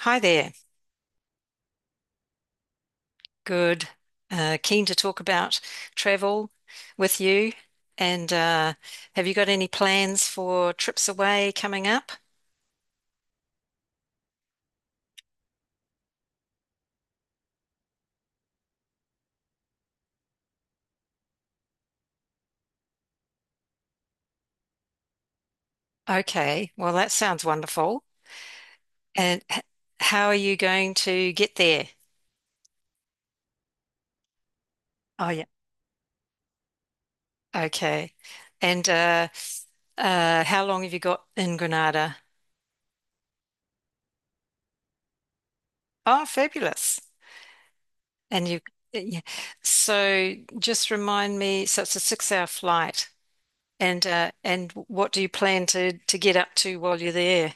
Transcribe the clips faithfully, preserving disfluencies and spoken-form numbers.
Hi there. Good. Uh, keen to talk about travel with you. And uh, have you got any plans for trips away coming up? Okay. Well, that sounds wonderful. And h- how are you going to get there? Oh, yeah. Okay. And uh, uh, how long have you got in Granada? Oh, fabulous. And you, yeah. So just remind me, so it's a six hour flight. And uh, and what do you plan to to get up to while you're there?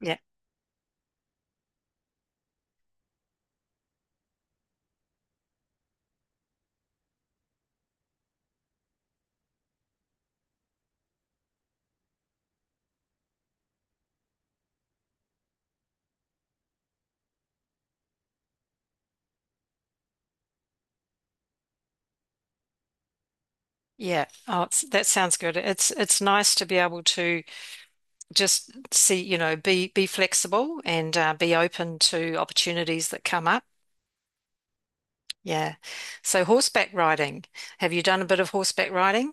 Yeah, yeah. Oh, it's, that sounds good. It's it's nice to be able to just see, you know, be be flexible and uh, be open to opportunities that come up. Yeah. So horseback riding. Have you done a bit of horseback riding?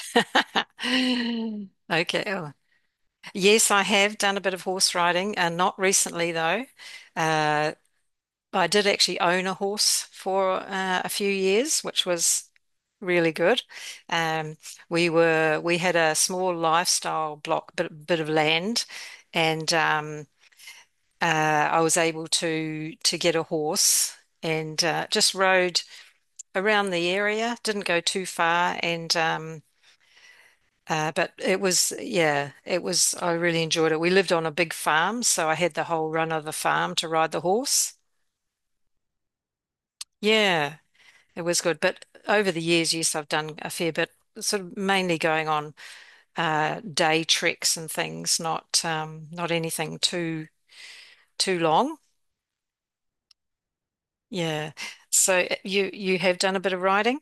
Okay. Oh. Yes, I have done a bit of horse riding, uh, not recently though. Uh, I did actually own a horse for uh, a few years, which was really good. Um, we were we had a small lifestyle block, bit, bit of land, and um, uh, I was able to to get a horse and uh, just rode around the area. Didn't go too far, and um, uh, but it was, yeah, it was. I really enjoyed it. We lived on a big farm, so I had the whole run of the farm to ride the horse. Yeah. It was good. But over the years, yes, I've done a fair bit, sort of mainly going on uh, day treks and things, not um, not anything too too long. Yeah. So uh, you you have done a bit of riding?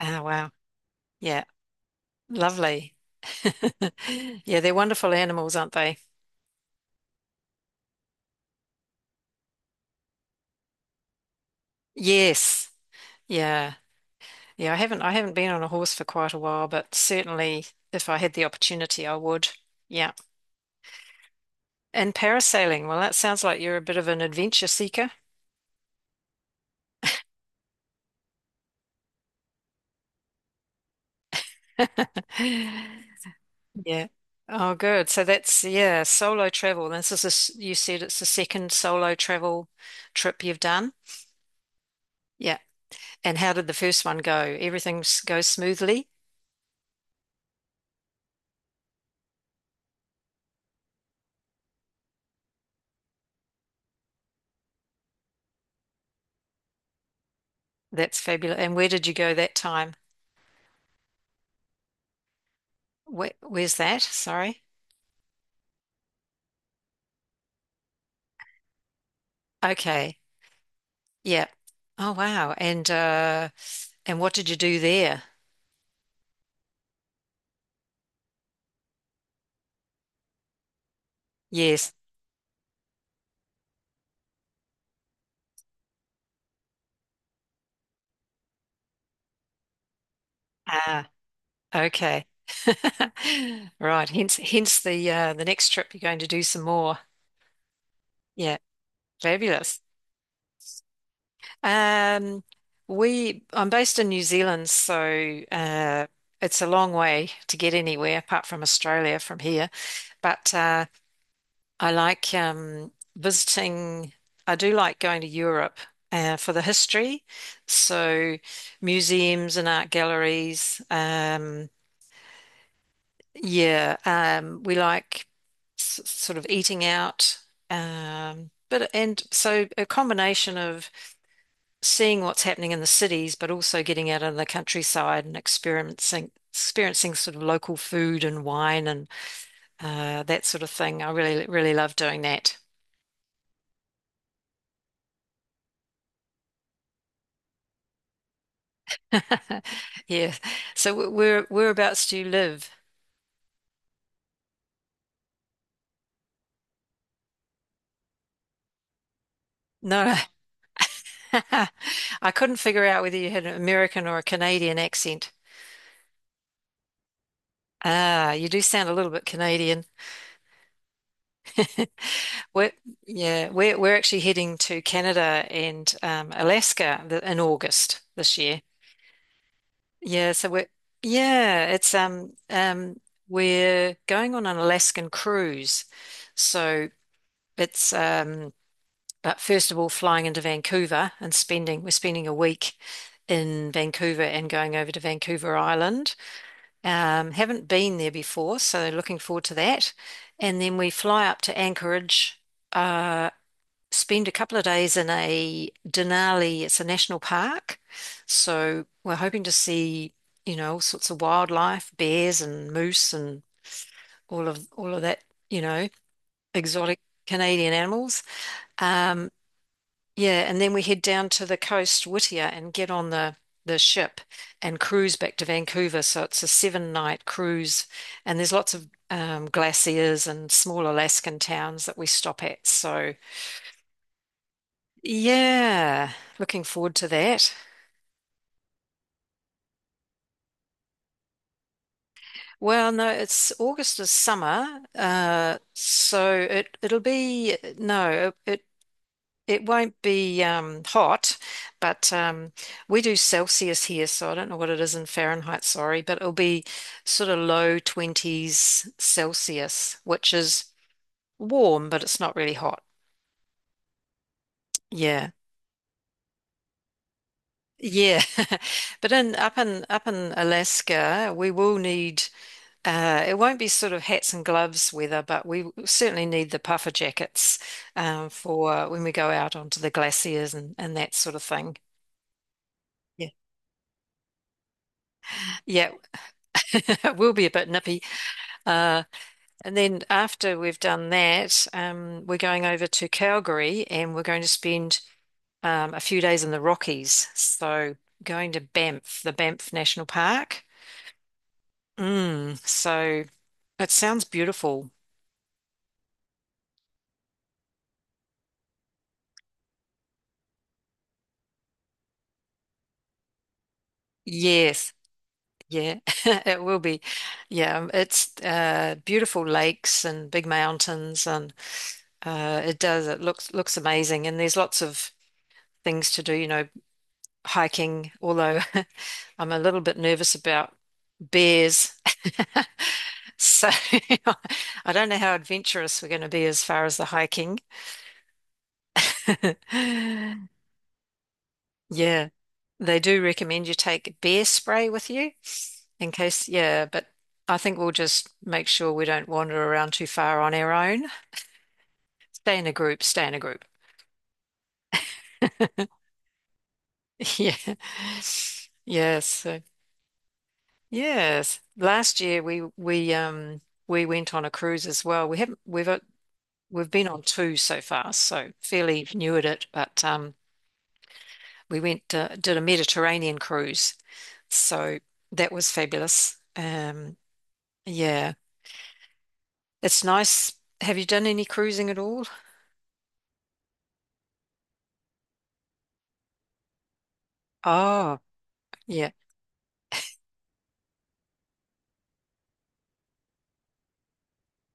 Oh, wow. Yeah. Lovely. Yeah, they're wonderful animals, aren't they? Yes. Yeah. Yeah, I haven't I haven't been on a horse for quite a while, but certainly if I had the opportunity, I would. Yeah. And parasailing, well, that sounds like you're a bit of an adventure seeker. Yeah. Oh, good. So that's, yeah, solo travel. This is a, s- you said it's the second solo travel trip you've done. Yeah. And how did the first one go? Everything s- goes smoothly? That's fabulous. And where did you go that time? Where, where's that? Sorry. Okay. Yeah. Oh, wow. And uh and what did you do there? Yes. Ah, okay. Right. Hence hence the uh the next trip you're going to do some more. Yeah. Fabulous. Um, we I'm based in New Zealand, so uh, it's a long way to get anywhere apart from Australia from here. But uh, I like um, visiting. I do like going to Europe uh, for the history, so museums and art galleries. Um, yeah, um, we like s sort of eating out. Um, but and so a combination of seeing what's happening in the cities, but also getting out in the countryside and experiencing experiencing sort of local food and wine and uh, that sort of thing. I really really love doing that. Yeah. So wh- where whereabouts do you live? No, I couldn't figure out whether you had an American or a Canadian accent. Ah, you do sound a little bit Canadian. We're, yeah, we're we're actually heading to Canada and um, Alaska th- in August this year. Yeah, so we're yeah, it's um um we're going on an Alaskan cruise. So it's um but first of all flying into Vancouver and spending we're spending a week in Vancouver and going over to Vancouver Island. Um haven't been there before, so looking forward to that. And then we fly up to Anchorage. Uh spend a couple of days in a Denali. It's a national park. So we're hoping to see, you know, all sorts of wildlife, bears and moose and all of all of that, you know, exotic Canadian animals. Um, yeah, and then we head down to the coast, Whittier, and get on the the ship and cruise back to Vancouver. So it's a seven night cruise, and there's lots of um, glaciers and small Alaskan towns that we stop at. So Yeah, looking forward to that. Well, no, it's August is summer, uh, so it it'll be, no, it it won't be um, hot, but um, we do Celsius here, so I don't know what it is in Fahrenheit. Sorry, but it'll be sort of low twenties Celsius, which is warm, but it's not really hot. Yeah, yeah, but in up in up in Alaska, we will need. Uh, it won't be sort of hats and gloves weather, but we certainly need the puffer jackets um, for when we go out onto the glaciers and, and that sort of thing. Yeah, yeah, it will be a bit nippy. Uh, and then after we've done that, um, we're going over to Calgary and we're going to spend um, a few days in the Rockies. So going to Banff, the Banff National Park. Mm, so it sounds beautiful. Yes. Yeah, it will be. Yeah, um, it's uh, beautiful lakes and big mountains, and uh, it does. It looks looks amazing, and there's lots of things to do. You know, hiking. Although I'm a little bit nervous about bears, so I don't know how adventurous we're going to be as far as the hiking. Yeah, they do recommend you take bear spray with you in case, yeah, but I think we'll just make sure we don't wander around too far on our own. Stay in a group, stay in a group. Yeah. Yes. So, yes. Last year we we um we went on a cruise as well. We haven't we've uh, we've been on two so far, so fairly new at it, but um we went uh, did a Mediterranean cruise. So that was fabulous. Um yeah. It's nice. Have you done any cruising at all? Oh, yeah.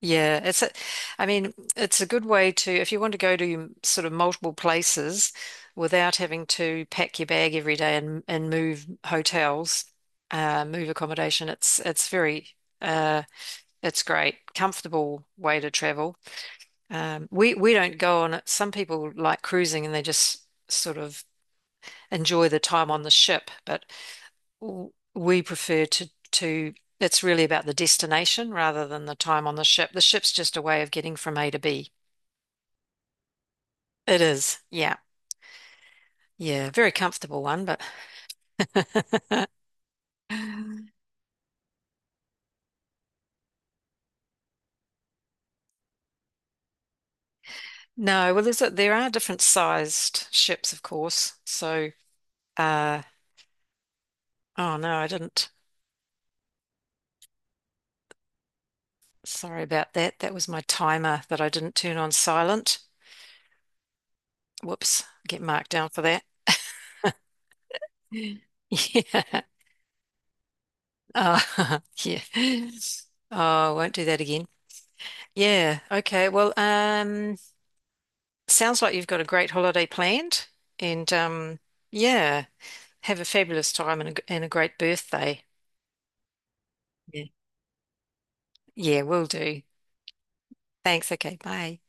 Yeah, it's a, I mean, it's a good way to, if you want to go to sort of multiple places without having to pack your bag every day and and move hotels, uh, move accommodation, it's it's very uh it's great, comfortable way to travel. Um, we we don't go on it. Some people like cruising and they just sort of enjoy the time on the ship, but w- we prefer to, to it's really about the destination rather than the time on the ship. The ship's just a way of getting from A to B. It is, yeah, yeah, very comfortable one, but no. Well, there's a, there are different sized ships, of course. So, uh, oh no, I didn't. Sorry about that. That was my timer that I didn't turn on silent. Whoops, get marked down for that. Yeah. Oh, yeah. Oh, I won't do that again. Yeah. Okay. Well, um, sounds like you've got a great holiday planned, and um, yeah, have a fabulous time and a, and a great birthday. Yeah. Yeah, will do. Thanks. Okay. Bye.